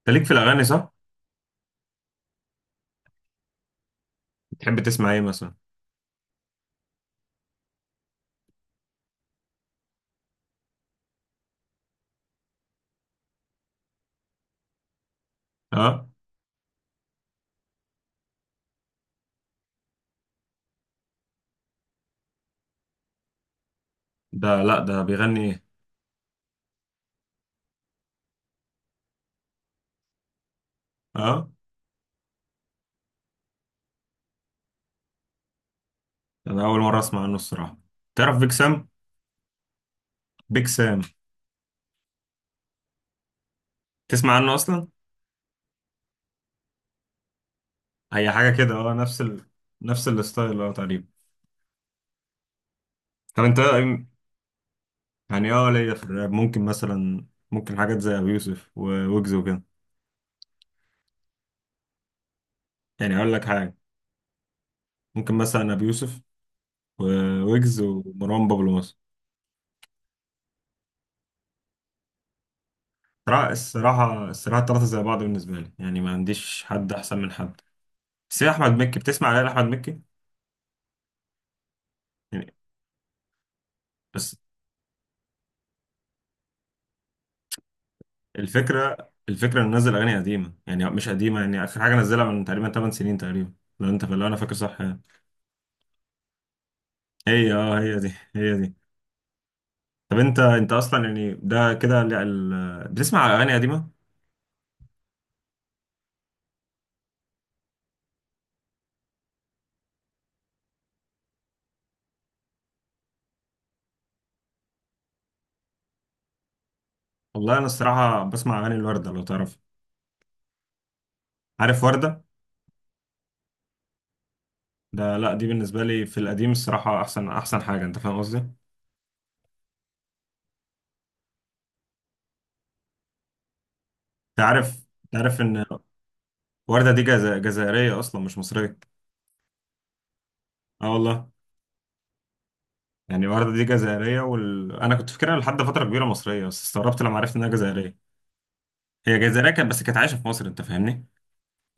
انت ليك في الاغاني صح؟ بتحب تسمع ايه مثلا؟ اه. ده؟ لا، ده بيغني ايه؟ اه. ده انا اول مره اسمع عنه الصراحه. تعرف بيك سام؟ بيك سام. تسمع عنه اصلا؟ هي حاجه كده، اه، نفس نفس الستايل، اه، تقريبا. طب انت؟ يعني اه، ليا في الراب ممكن مثلا، ممكن حاجات زي ابي يوسف وويجز وكده. يعني اقول لك حاجه، ممكن مثلا ابي يوسف وويجز ومروان بابلو مثلا. الصراحه الصراحه الصراحة، الثلاثه زي بعض بالنسبه لي، يعني ما عنديش حد احسن من حد. بس إيه، احمد مكي؟ بتسمع على احمد مكي؟ بس الفكرة انه نزل اغاني قديمة، يعني مش قديمة، يعني اخر حاجة نزلها من تقريبا 8 سنين تقريبا، لو انا فاكر صح يعني. هي، اه، هي دي، هي دي. طب انت، اصلا يعني ده كده بتسمع اغاني قديمة؟ والله انا الصراحة بسمع اغاني الوردة، لو تعرف. عارف وردة؟ لا، دي بالنسبة لي في القديم الصراحة احسن احسن حاجة، انت فاهم قصدي؟ عارف انت عارف ان وردة دي جزائرية اصلا، مش مصرية. اه والله. يعني الوردة دي جزائرية أنا كنت فاكرها لحد فترة كبيرة مصرية، بس استغربت لما عرفت إنها جزائرية. هي جزائرية كانت، بس كانت عايشة في مصر، أنت فاهمني؟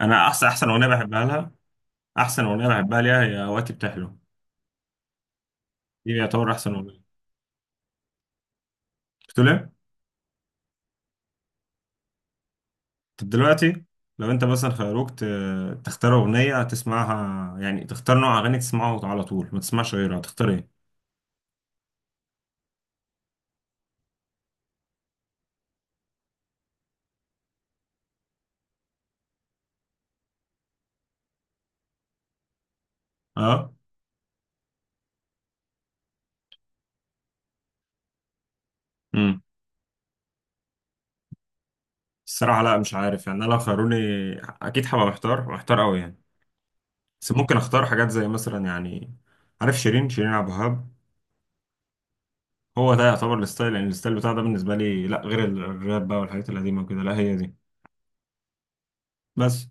أنا أحسن أحسن أغنية بحبها لها. أحسن أغنية بحبها ليها هي وقتي بتحلو. دي يعتبر أحسن أغنية. بتقول إيه؟ طب دلوقتي، لو أنت مثلا خيروك تختار أغنية تسمعها، يعني تختار نوع أغاني تسمعه على طول، ما تسمعش غيرها، تختار إيه؟ أه؟ امم الصراحة لا، مش عارف يعني. أنا لو خيروني أكيد هبقى محتار، محتار أوي يعني. بس ممكن اختار حاجات زي مثلا يعني. عارف شيرين؟ شيرين عبد الوهاب. هو ده يعتبر الستايل، يعني الستايل بتاع ده بالنسبه لي، لا غير الراب بقى والحاجات القديمه وكده، لا هي دي. بس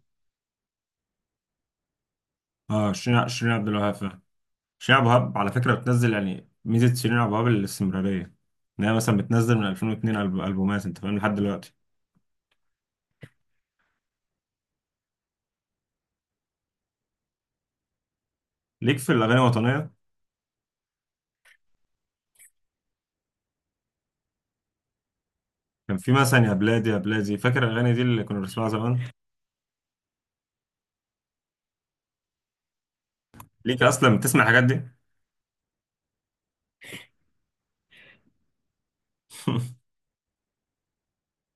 اه، شيرين، شيرين عبد الوهاب فعلا. شيرين عبد الوهاب على فكره بتنزل، يعني ميزه شيرين عبد الوهاب الاستمراريه، ان هي مثلا بتنزل من 2002 البومات، انت فاهم؟ لحد دلوقتي. ليك في الاغاني الوطنيه؟ كان في مثلا يا بلادي يا بلادي، فاكر الاغاني دي اللي كنا بنسمعها زمان؟ ليك اصلا بتسمع الحاجات دي؟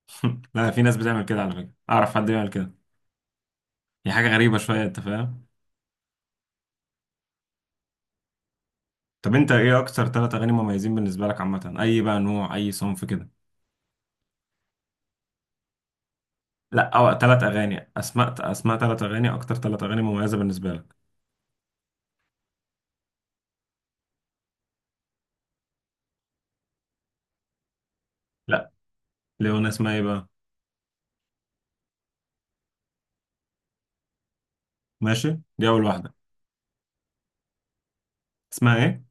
لا، في ناس بتعمل كده على فكره، اعرف حد يعمل كده. هي حاجه غريبه شويه، انت فاهم؟ طب انت ايه اكتر ثلاث اغاني مميزين بالنسبه لك؟ عامه اي بقى نوع، اي صنف كده. لا، او ثلاث اغاني، اسماء ثلاث اغاني، اكتر ثلاث اغاني مميزه بالنسبه لك. لا. ليونا اسمها ايه بقى؟ ماشي، دي اول واحده. اسمها ايه؟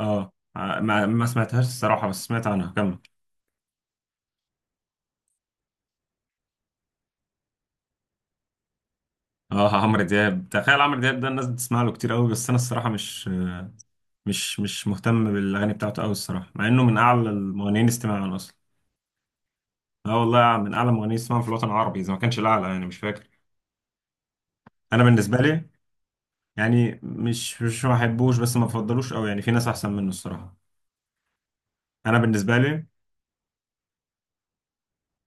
اه، ما سمعتهاش الصراحه، بس سمعت عنها، كمل. اه، عمرو دياب. تخيل عمرو دياب ده الناس بتسمع له كتير قوي، بس انا الصراحه مش مهتم بالاغاني بتاعته قوي الصراحه، مع انه من اعلى المغنيين استماعا اصلا. اه والله، من اعلى المغنيين استماعا في الوطن العربي، اذا ما كانش الاعلى، يعني مش فاكر. انا بالنسبه لي. يعني مش مش ما بحبوش، بس ما بفضلوش قوي، يعني في ناس احسن منه الصراحه. انا بالنسبه لي.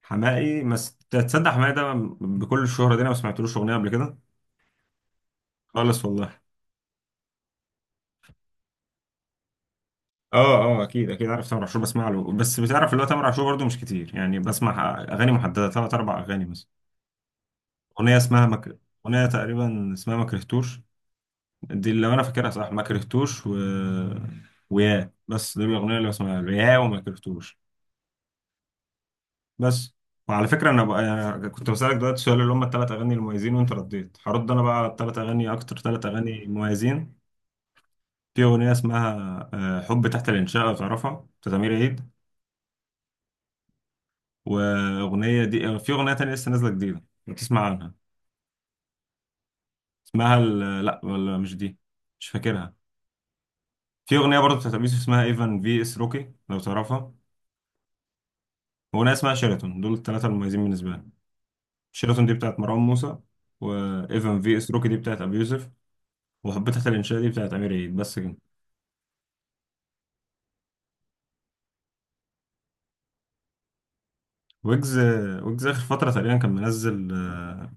حماقي تصدق حماقي ده بكل الشهره دي، انا ما سمعتلوش اغنيه قبل كده، خالص والله. اه، اه، اكيد اكيد عارف تامر عاشور. بسمع له، بس بتعرف اللي هو تامر عاشور برضه مش كتير يعني، بسمع اغاني محدده، ثلاث اربع اغاني مثلا. اغنيه اسمها اغنيه تقريبا اسمها ما كرهتوش، دي اللي انا فاكرها صح، ما كرهتوش ويا، بس دول الاغنيه اللي بسمعها، يا وما كرهتوش، بس. وعلى فكرة أنا بقى يعني كنت بسألك دلوقتي سؤال اللي هم التلات أغاني المميزين، وأنت رديت، هرد أنا بقى على التلات أغاني، أكتر تلات أغاني مميزين. في أغنية اسمها، آه، حب تحت الإنشاء، لو تعرفها، بتاعت أمير عيد. وأغنية دي، آه، في أغنية تانية لسه نازلة جديدة لو تسمع عنها، اسمها لأ، ولا مش دي، مش فاكرها. في أغنية برضه بتاعت أبي يوسف اسمها إيفان في إس روكي، لو تعرفها. وأغنية اسمها شيراتون. دول التلاتة المميزين بالنسبة لي. شيراتون دي بتاعت مروان موسى، وإيفان في إس روكي دي بتاعت أبي يوسف، وحبيت الانشاء دي بتاعت امير عيد. بس كده. ويجز. ويجز اخر فتره تقريبا كان منزل، آه،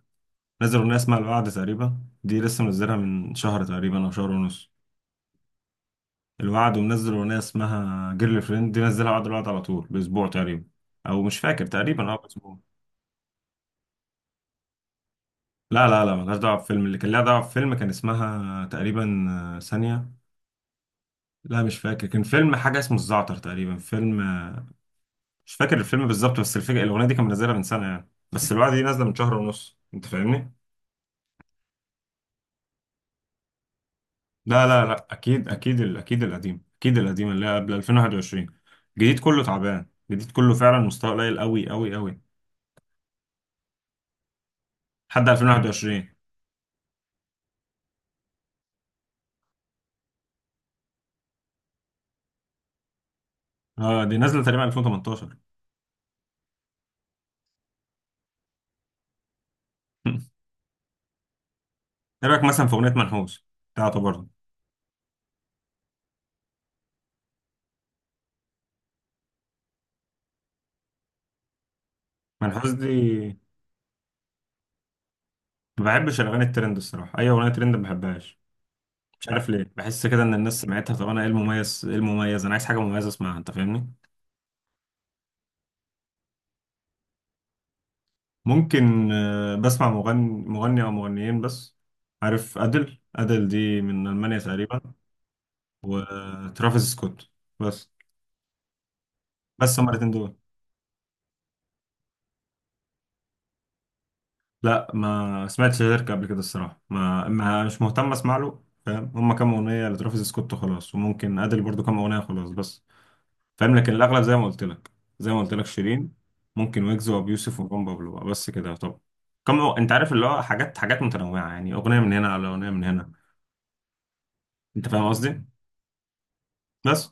نزل اغنيه اسمها الوعد تقريبا. دي لسه منزلها من شهر تقريبا، او شهر ونص. الوعد. ومنزل اغنيه اسمها جيرل فريند، دي نزلها بعد الوعد على طول باسبوع تقريبا، او مش فاكر تقريبا، اه، باسبوع. لا لا لا، ملهاش دعوه بفيلم. اللي كان لها دعوه بفيلم كان اسمها تقريبا، آه، ثانيه، لا مش فاكر. كان فيلم حاجه اسمه الزعتر تقريبا، فيلم، آه، مش فاكر الفيلم بالظبط، بس الفكره الاغنيه دي كان منزلها من سنه يعني، بس الوعد دي نازله من شهر ونص، انت فاهمني؟ لا لا لا، اكيد اكيد اكيد القديم، اكيد القديم اللي هي قبل 2021. الجديد كله تعبان، الجديد كله فعلا مستوى قليل قوي قوي قوي، لحد 2021. اه، دي نازله تقريبا 2018. ايه رايك مثلا في اغنيه منحوس بتاعته برضه؟ منحوس دي. ما بحبش الاغاني الترند الصراحه، اي اغنيه ترند ما بحبهاش. مش عارف ليه، بحس كده ان الناس سمعتها، طب انا ايه المميز؟ ايه المميز؟ انا عايز حاجه مميزه اسمعها، انت فاهمني؟ ممكن، آه، بسمع مغني او مغنيين بس. عارف ادل؟ ادل دي من المانيا تقريبا. وترافيس سكوت، بس. بس، هما الاتنين دول. لا، ما سمعتش غيرك قبل كده الصراحة، ما، مش مهتم اسمع له، فاهم، هما كام أغنية لترافيس سكوت وخلاص، وممكن أدل برضو كام أغنية خلاص، بس فاهم. لكن الأغلب زي ما قلت لك شيرين، ممكن ويجز وأبو يوسف ومروان بابلو بقى، بس كده. طب، أنت عارف اللي هو حاجات، حاجات متنوعة يعني، أغنية من هنا على أغنية من هنا. أنت فاهم قصدي؟ بس.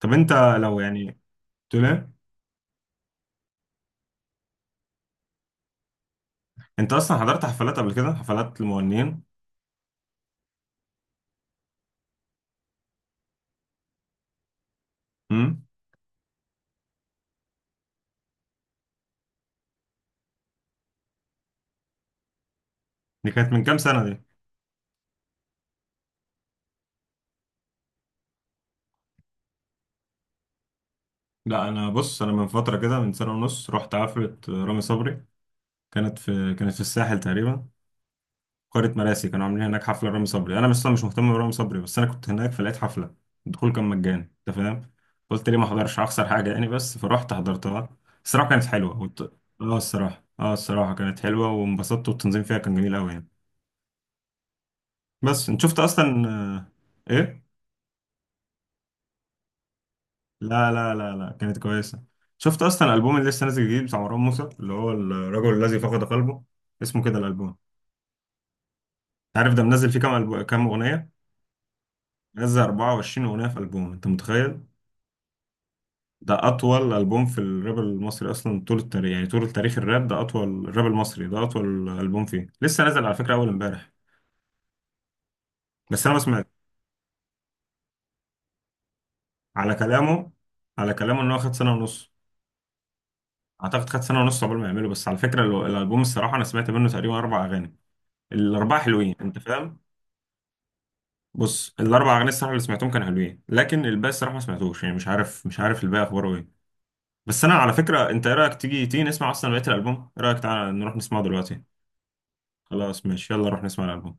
طب أنت، لو يعني، تقول إيه؟ أنت أصلا حضرت حفلات قبل كده، حفلات المغنيين؟ امم دي كانت من كام سنة؟ لا، انا بص، انا من فتره كده، من سنه ونص رحت حفله رامي صبري، كانت في الساحل تقريبا، قريه مراسي، كانوا عاملين هناك حفله رامي صبري. انا اصلا مش مهتم برامي صبري، بس انا كنت هناك فلقيت حفله، الدخول كان مجاني، انت فاهم؟ قلت ليه ما احضرش، هخسر حاجه يعني، بس فرحت حضرتها. الصراحه كانت حلوه. وت... اه الصراحه، كانت حلوه وانبسطت، والتنظيم فيها كان جميل قوي يعني. بس انت شفت اصلا، ايه؟ لا لا لا لا، كانت كويسة. شفت أصلا الألبوم اللي لسه نازل جديد بتاع مروان موسى، اللي هو الرجل الذي فقد قلبه؟ اسمه كده الألبوم. أنت عارف ده منزل فيه كام ألبوم، كام أغنية؟ منزل 24 أغنية في ألبوم، أنت متخيل؟ ده أطول ألبوم في الراب المصري أصلا طول التاريخ، يعني طول تاريخ الراب، ده أطول الراب المصري، ده أطول ألبوم فيه، لسه نازل على فكرة أول إمبارح. بس أنا ما سمعت. على كلامه على كلامه إن هو خد سنة ونص، أعتقد خد سنة ونص قبل ما يعمله. بس على فكرة الألبوم الصراحة، أنا سمعت منه تقريبا أربع أغاني، الأربعة حلوين، أنت فاهم؟ بص، الاربع اغاني الصراحه اللي سمعتهم كانوا حلوين، لكن الباقي الصراحه ما سمعتوش، يعني مش عارف، مش عارف الباقي اخباره ايه. بس انا على فكره، انت ايه رايك تيجي تيجي نسمع اصلا بقيه الالبوم؟ ايه رايك، تعالى نروح نسمعه دلوقتي؟ خلاص ماشي، يلا نروح نسمع الالبوم.